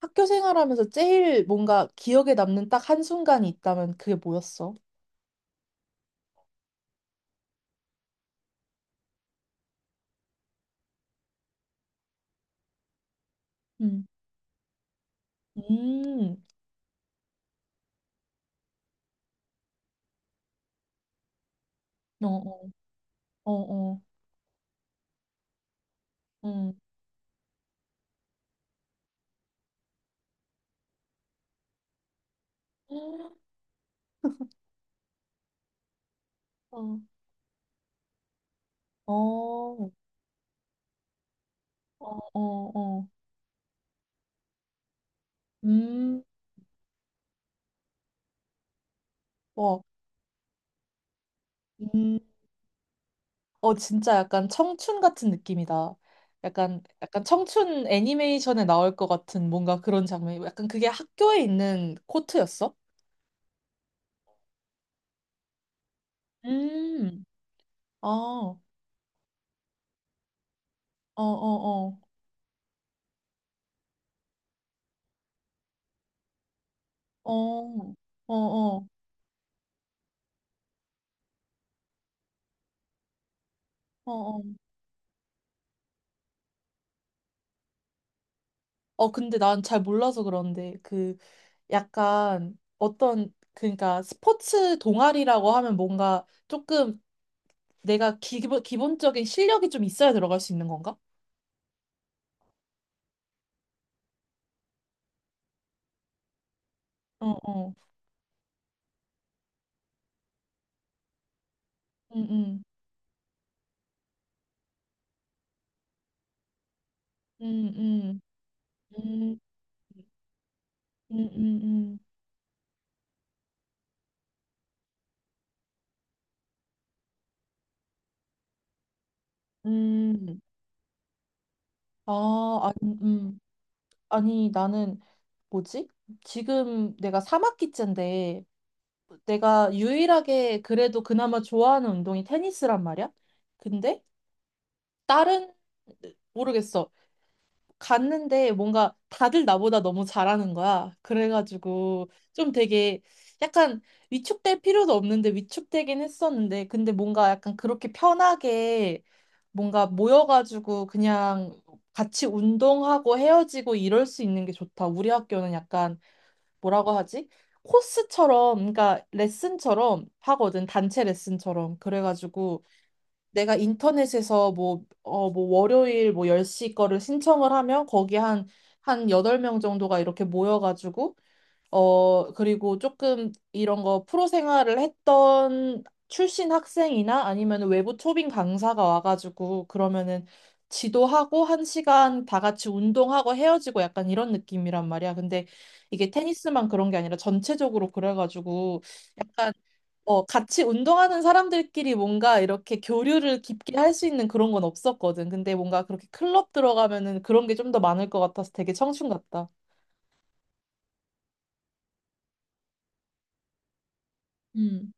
학교 생활하면서 제일 뭔가 기억에 남는 딱 한순간이 있다면 그게 뭐였어? 음. 음. 어, 어, 어, 어. 음. 어, 어, 어, 어. 어. 음. 와. 음. 어, 진짜 약간 청춘 같은 느낌이다. 약간 약간 청춘 애니메이션에 나올 것 같은 뭔가 그런 장면이고 약간 그게 학교에 있는 코트였어? 음. 아. 어, 어, 어. 어. 어, 어, 어, 어. 어, 근데 난 잘 몰라서 그런데, 그, 약간, 어떤, 그러니까, 스포츠 동아리라고 하면 뭔가 조금 내가 기본적인 실력이 좀 있어야 들어갈 수 있는 건가? 어, 어. 음, 음, 음, 음, 음, 음, 음, 음. 음. 아, 아니, 음. 아니, 나는, 뭐지? 지금 내가 3학기째인데, 내가 유일하게 그래도 그나마 좋아하는 운동이 테니스란 말이야? 근데, 다른 모르겠어. 갔는데 뭔가 다들 나보다 너무 잘하는 거야. 그래가지고 좀 되게 약간 위축될 필요도 없는데 위축되긴 했었는데 근데 뭔가 약간 그렇게 편하게 뭔가 모여가지고 그냥 같이 운동하고 헤어지고 이럴 수 있는 게 좋다. 우리 학교는 약간 뭐라고 하지? 코스처럼, 그러니까 레슨처럼 하거든. 단체 레슨처럼. 그래가지고 내가 인터넷에서 뭐, 어, 뭐 월요일 뭐 10시 거를 신청을 하면 거기 한 8명 정도가 이렇게 모여가지고, 어, 그리고 조금 이런 거 프로 생활을 했던 출신 학생이나 아니면 외부 초빙 강사가 와가지고 그러면은 지도하고 한 시간 다 같이 운동하고 헤어지고 약간 이런 느낌이란 말이야. 근데 이게 테니스만 그런 게 아니라 전체적으로 그래가지고 어, 같이 운동하는 사람들끼리 뭔가 이렇게 교류를 깊게 할 수 있는 그런 건 없었거든. 근데 뭔가 그렇게 클럽 들어가면은 그런 게 좀 더 많을 것 같아서 되게 청춘 같다. 음.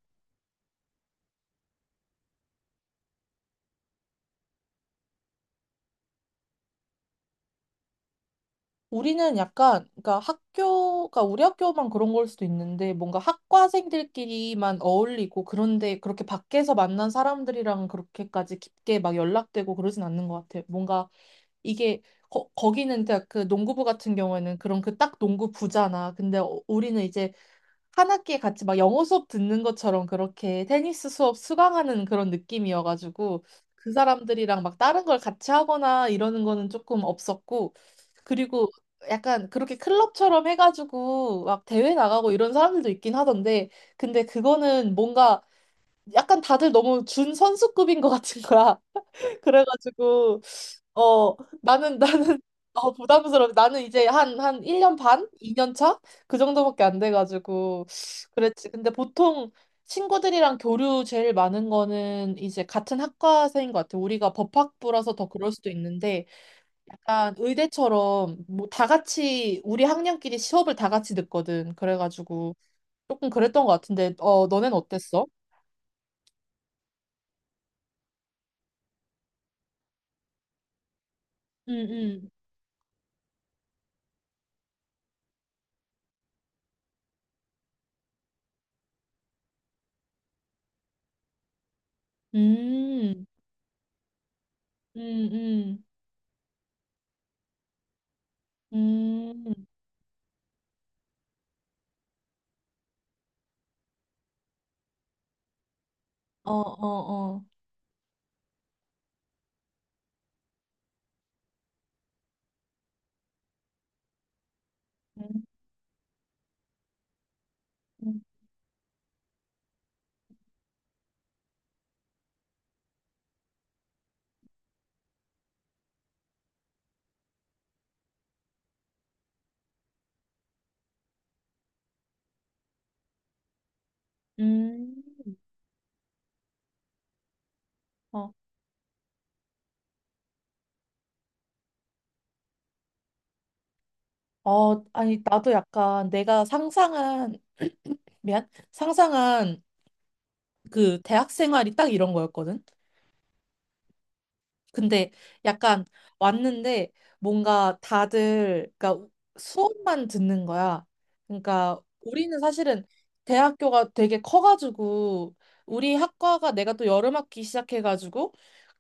우리는 약간, 그러니까 학교가 우리 학교만 그런 걸 수도 있는데 뭔가 학과생들끼리만 어울리고 그런데 그렇게 밖에서 만난 사람들이랑 그렇게까지 깊게 막 연락되고 그러진 않는 것 같아. 뭔가 이게 거기는 그냥 그 농구부 같은 경우에는 그런 그 딱 농구부잖아. 근데 어- 우리는 이제 한 학기에 같이 막 영어 수업 듣는 것처럼 그렇게 테니스 수업 수강하는 그런 느낌이어가지고 그 사람들이랑 막 다른 걸 같이 하거나 이러는 거는 조금 없었고 그리고 약간 그렇게 클럽처럼 해가지고 막 대회 나가고 이런 사람들도 있긴 하던데 근데 그거는 뭔가 약간 다들 너무 준 선수급인 것 같은 거야. 그래가지고 어, 나는, 어, 부담스러워. 나는 이제 한 1년 반? 2년 차? 그 정도밖에 안 돼가지고. 그랬지. 근데 보통 친구들이랑 교류 제일 많은 거는 이제 같은 학과생인 것 같아. 우리가 법학부라서 더 그럴 수도 있는데, 약간 의대처럼 뭐 다 같이, 우리 학년끼리 수업을 다 같이 듣거든. 그래가지고 조금 그랬던 것 같은데, 어, 너넨 어땠어? 응, 응. 음, 음, 음, 음. 어, 어, 어. 음, 음. 어, 어, 아니, 나도 약간 내가 상상한 그 대학 생활이 딱 이런 거였거든? 근데 약간 왔는데 뭔가 다들, 그러니까 수업만 듣는 거야. 그러니까 우리는 사실은 대학교가 되게 커가지고 우리 학과가 내가 또 여름학기 시작해가지고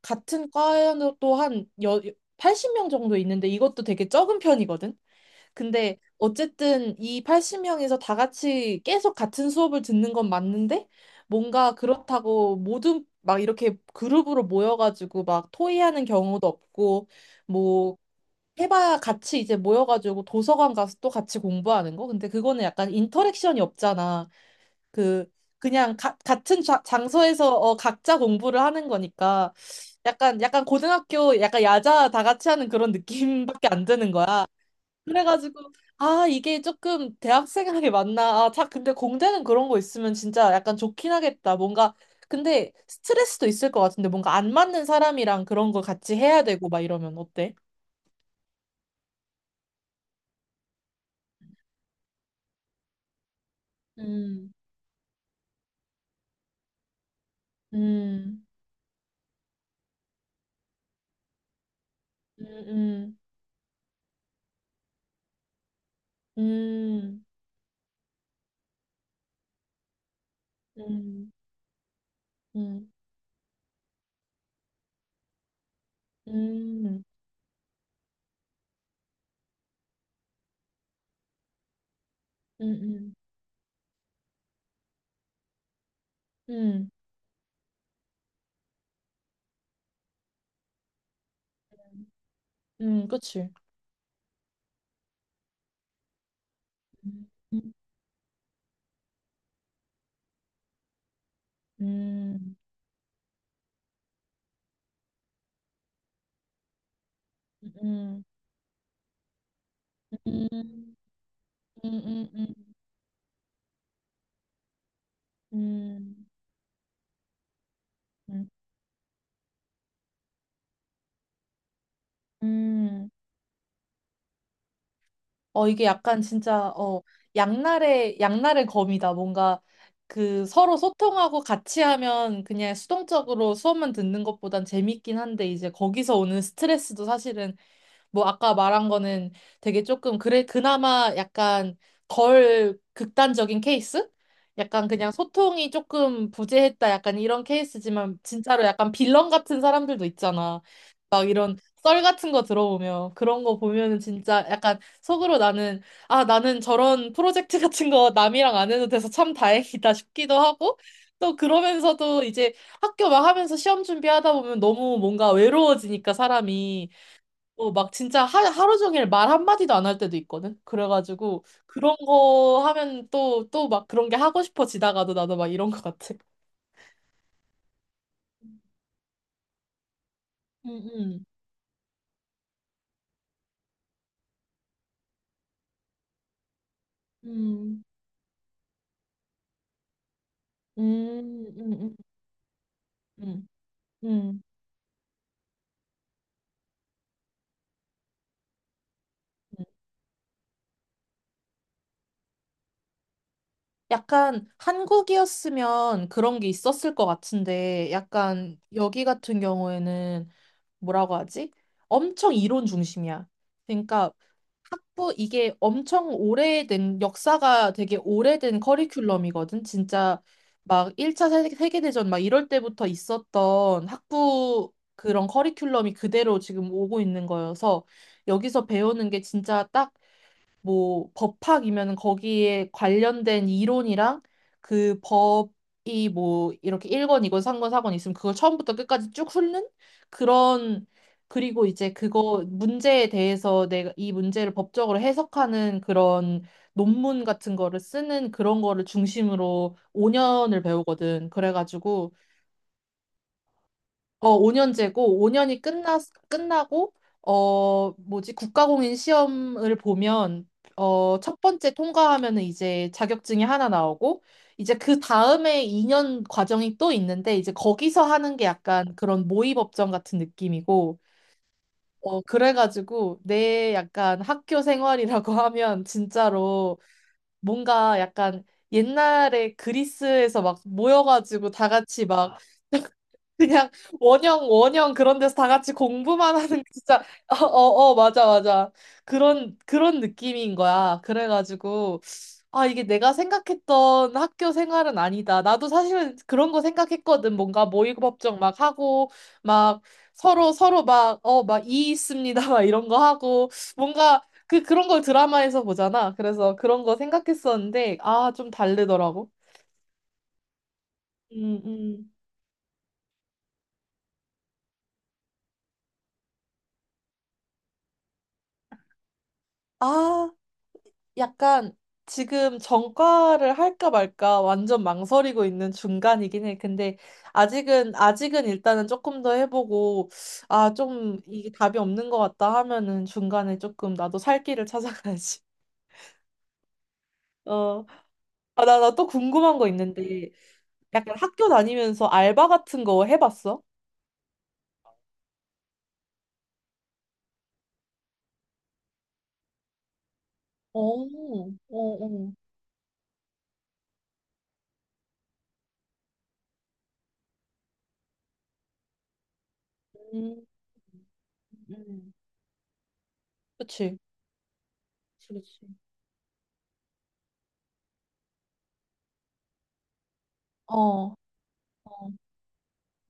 같은 과에도 80명 정도 있는데 이것도 되게 적은 편이거든? 근데 어쨌든 이 80명에서 다 같이 계속 같은 수업을 듣는 건 맞는데 뭔가 그렇다고 모든 막 이렇게 그룹으로 모여가지고 막 토의하는 경우도 없고 뭐 해봐야 같이 이제 모여가지고 도서관 가서 또 같이 공부하는 거? 근데 그거는 약간 인터랙션이 없잖아. 그 그냥 같은 장소에서 어, 각자 공부를 하는 거니까 약간 약간 고등학교 약간 야자 다 같이 하는 그런 느낌밖에 안 드는 거야. 그래가지고 아 이게 조금 대학생에게 맞나 아 자, 근데 공대는 그런 거 있으면 진짜 약간 좋긴 하겠다 뭔가 근데 스트레스도 있을 것 같은데 뭔가 안 맞는 사람이랑 그런 거 같이 해야 되고 막 이러면 어때? 음. 음, 음, 음, 음, 음, 음, 음, 음, 음, 그치. 음, 음, 음, 음, 음, 음, 음, 음, 음. 어, 이게 약간 진짜, 어, 양날의 검이다. 뭔가 그 서로 소통하고 같이 하면 그냥 수동적으로 수업만 듣는 것보단 재밌긴 한데 이제 거기서 오는 스트레스도 사실은 뭐 아까 말한 거는 되게 조금 그래, 그나마 약간 덜 극단적인 케이스? 약간 그냥 소통이 조금 부재했다. 약간 이런 케이스지만 진짜로 약간 빌런 같은 사람들도 있잖아. 막 이런 썰 같은 거 들어보면 그런 거 보면은 진짜 약간 속으로 나는 아 나는 저런 프로젝트 같은 거 남이랑 안 해도 돼서 참 다행이다 싶기도 하고 또 그러면서도 이제 학교 막 하면서 시험 준비하다 보면 너무 뭔가 외로워지니까 사람이 어, 막 진짜 하루 종일 말 한마디도 안 할 때도 있거든. 그래가지고 그런 거 하면 또 또 막 그런 게 하고 싶어지다가도 나도 막 이런 것 같아. 음, 음, 음, 음, 음, 음, 음, 음. 약간 한국이었으면 그런 게 있었을 것 같은데, 약간 여기 같은 경우에는 뭐라고 하지? 엄청 이론 중심이야. 그러니까 학부 이게 엄청 오래된 역사가 되게 오래된 커리큘럼이거든. 진짜 막 1차 세계대전 막 이럴 때부터 있었던 학부 그런 커리큘럼이 그대로 지금 오고 있는 거여서 여기서 배우는 게 진짜 딱 뭐 법학이면 거기에 관련된 이론이랑 그 법이 뭐 이렇게 1권, 2권, 3권, 4권 있으면 그걸 처음부터 끝까지 쭉 훑는 그런 그리고 이제 그거 문제에 대해서 내가 이 문제를 법적으로 해석하는 그런 논문 같은 거를 쓰는 그런 거를 중심으로 5년을 배우거든. 그래가지고 어, 5년제고, 5년이 끝나고, 어, 뭐지, 국가공인 시험을 보면, 어, 첫 번째 통과하면은 이제 자격증이 하나 나오고, 이제 그 다음에 2년 과정이 또 있는데, 이제 거기서 하는 게 약간 그런 모의법정 같은 느낌이고, 어, 그래가지고, 내 약간 학교 생활이라고 하면, 진짜로 뭔가 약간 옛날에 그리스에서 막 모여가지고 다 같이 막, 그냥 원형 원형 그런 데서 다 같이 공부만 하는 게 진짜. 어, 어, 어, 맞아, 맞아. 그런 그런 느낌인 거야. 그래가지고 아 이게 내가 생각했던 학교 생활은 아니다. 나도 사실은 그런 거 생각했거든. 뭔가 모의고 법정 막 하고 막 서로 서로 막 어 막 이 있습니다, 막 이런 거 하고 뭔가 그 그런 걸 드라마에서 보잖아. 그래서 그런 거 생각했었는데 아 좀 다르더라고. 음. 음. 아 약간 지금 전과를 할까 말까 완전 망설이고 있는 중간이긴 해. 근데 아직은 일단은 조금 더 해보고, 아, 좀 이게 답이 없는 것 같다 하면은 중간에 조금 나도 살 길을 찾아가야지. 어, 아, 나 또 궁금한 거 있는데, 약간 학교 다니면서 알바 같은 거 해봤어? 어, 어, 어. 음, 음. 그치. 그치, 그치. 어, 어,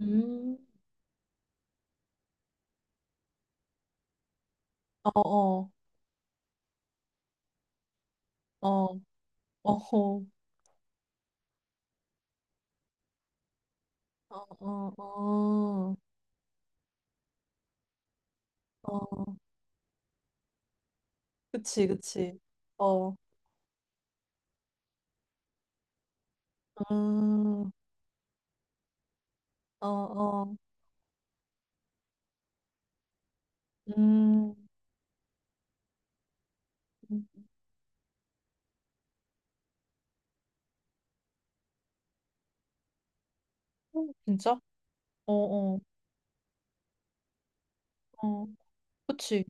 음, 어, 어, 어, 어. 어, 어, 어, 어, 그치, 그치. 어, 음, 어, 어, 음, 음, 진짜? 어, 어, 어, 그치.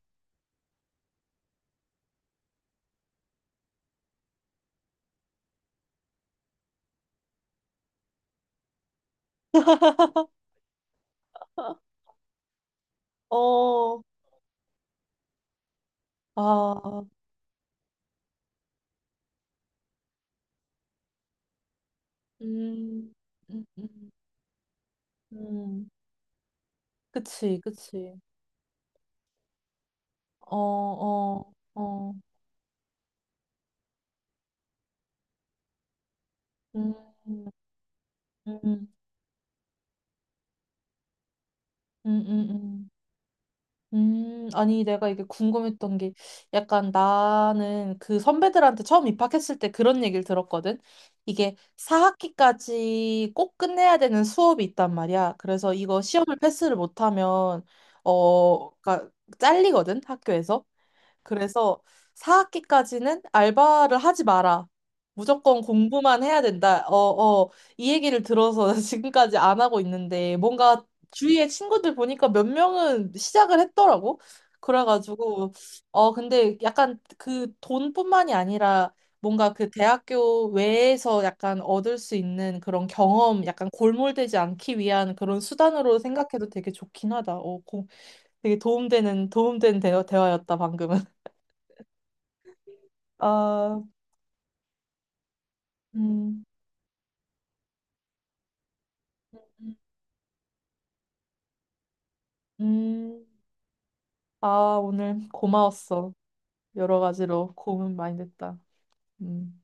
어, 아, 음, 음, 음, 음, 그치, 그치. 어, 어, 어, 음, 음, 음, 음, 음. 아니, 내가 이게 궁금했던 게 약간 나는 그 선배들한테 처음 입학했을 때 그런 얘기를 들었거든. 이게 4학기까지 꼭 끝내야 되는 수업이 있단 말이야. 그래서 이거 시험을 패스를 못하면, 어, 그러니까 잘리거든, 학교에서. 그래서 4학기까지는 알바를 하지 마라. 무조건 공부만 해야 된다. 어, 어, 이 얘기를 들어서 지금까지 안 하고 있는데 뭔가 주위에 친구들 보니까 몇 명은 시작을 했더라고. 그래가지고, 어, 근데 약간 그 돈뿐만이 아니라 뭔가 그 대학교 외에서 약간 얻을 수 있는 그런 경험, 약간 골몰되지 않기 위한 그런 수단으로 생각해도 되게 좋긴 하다. 어, 고, 되게 도움된 대화였다, 방금은. 아, 음, 음, 음. 아, 오늘 고마웠어. 여러 가지로 고민 많이 됐다. 음.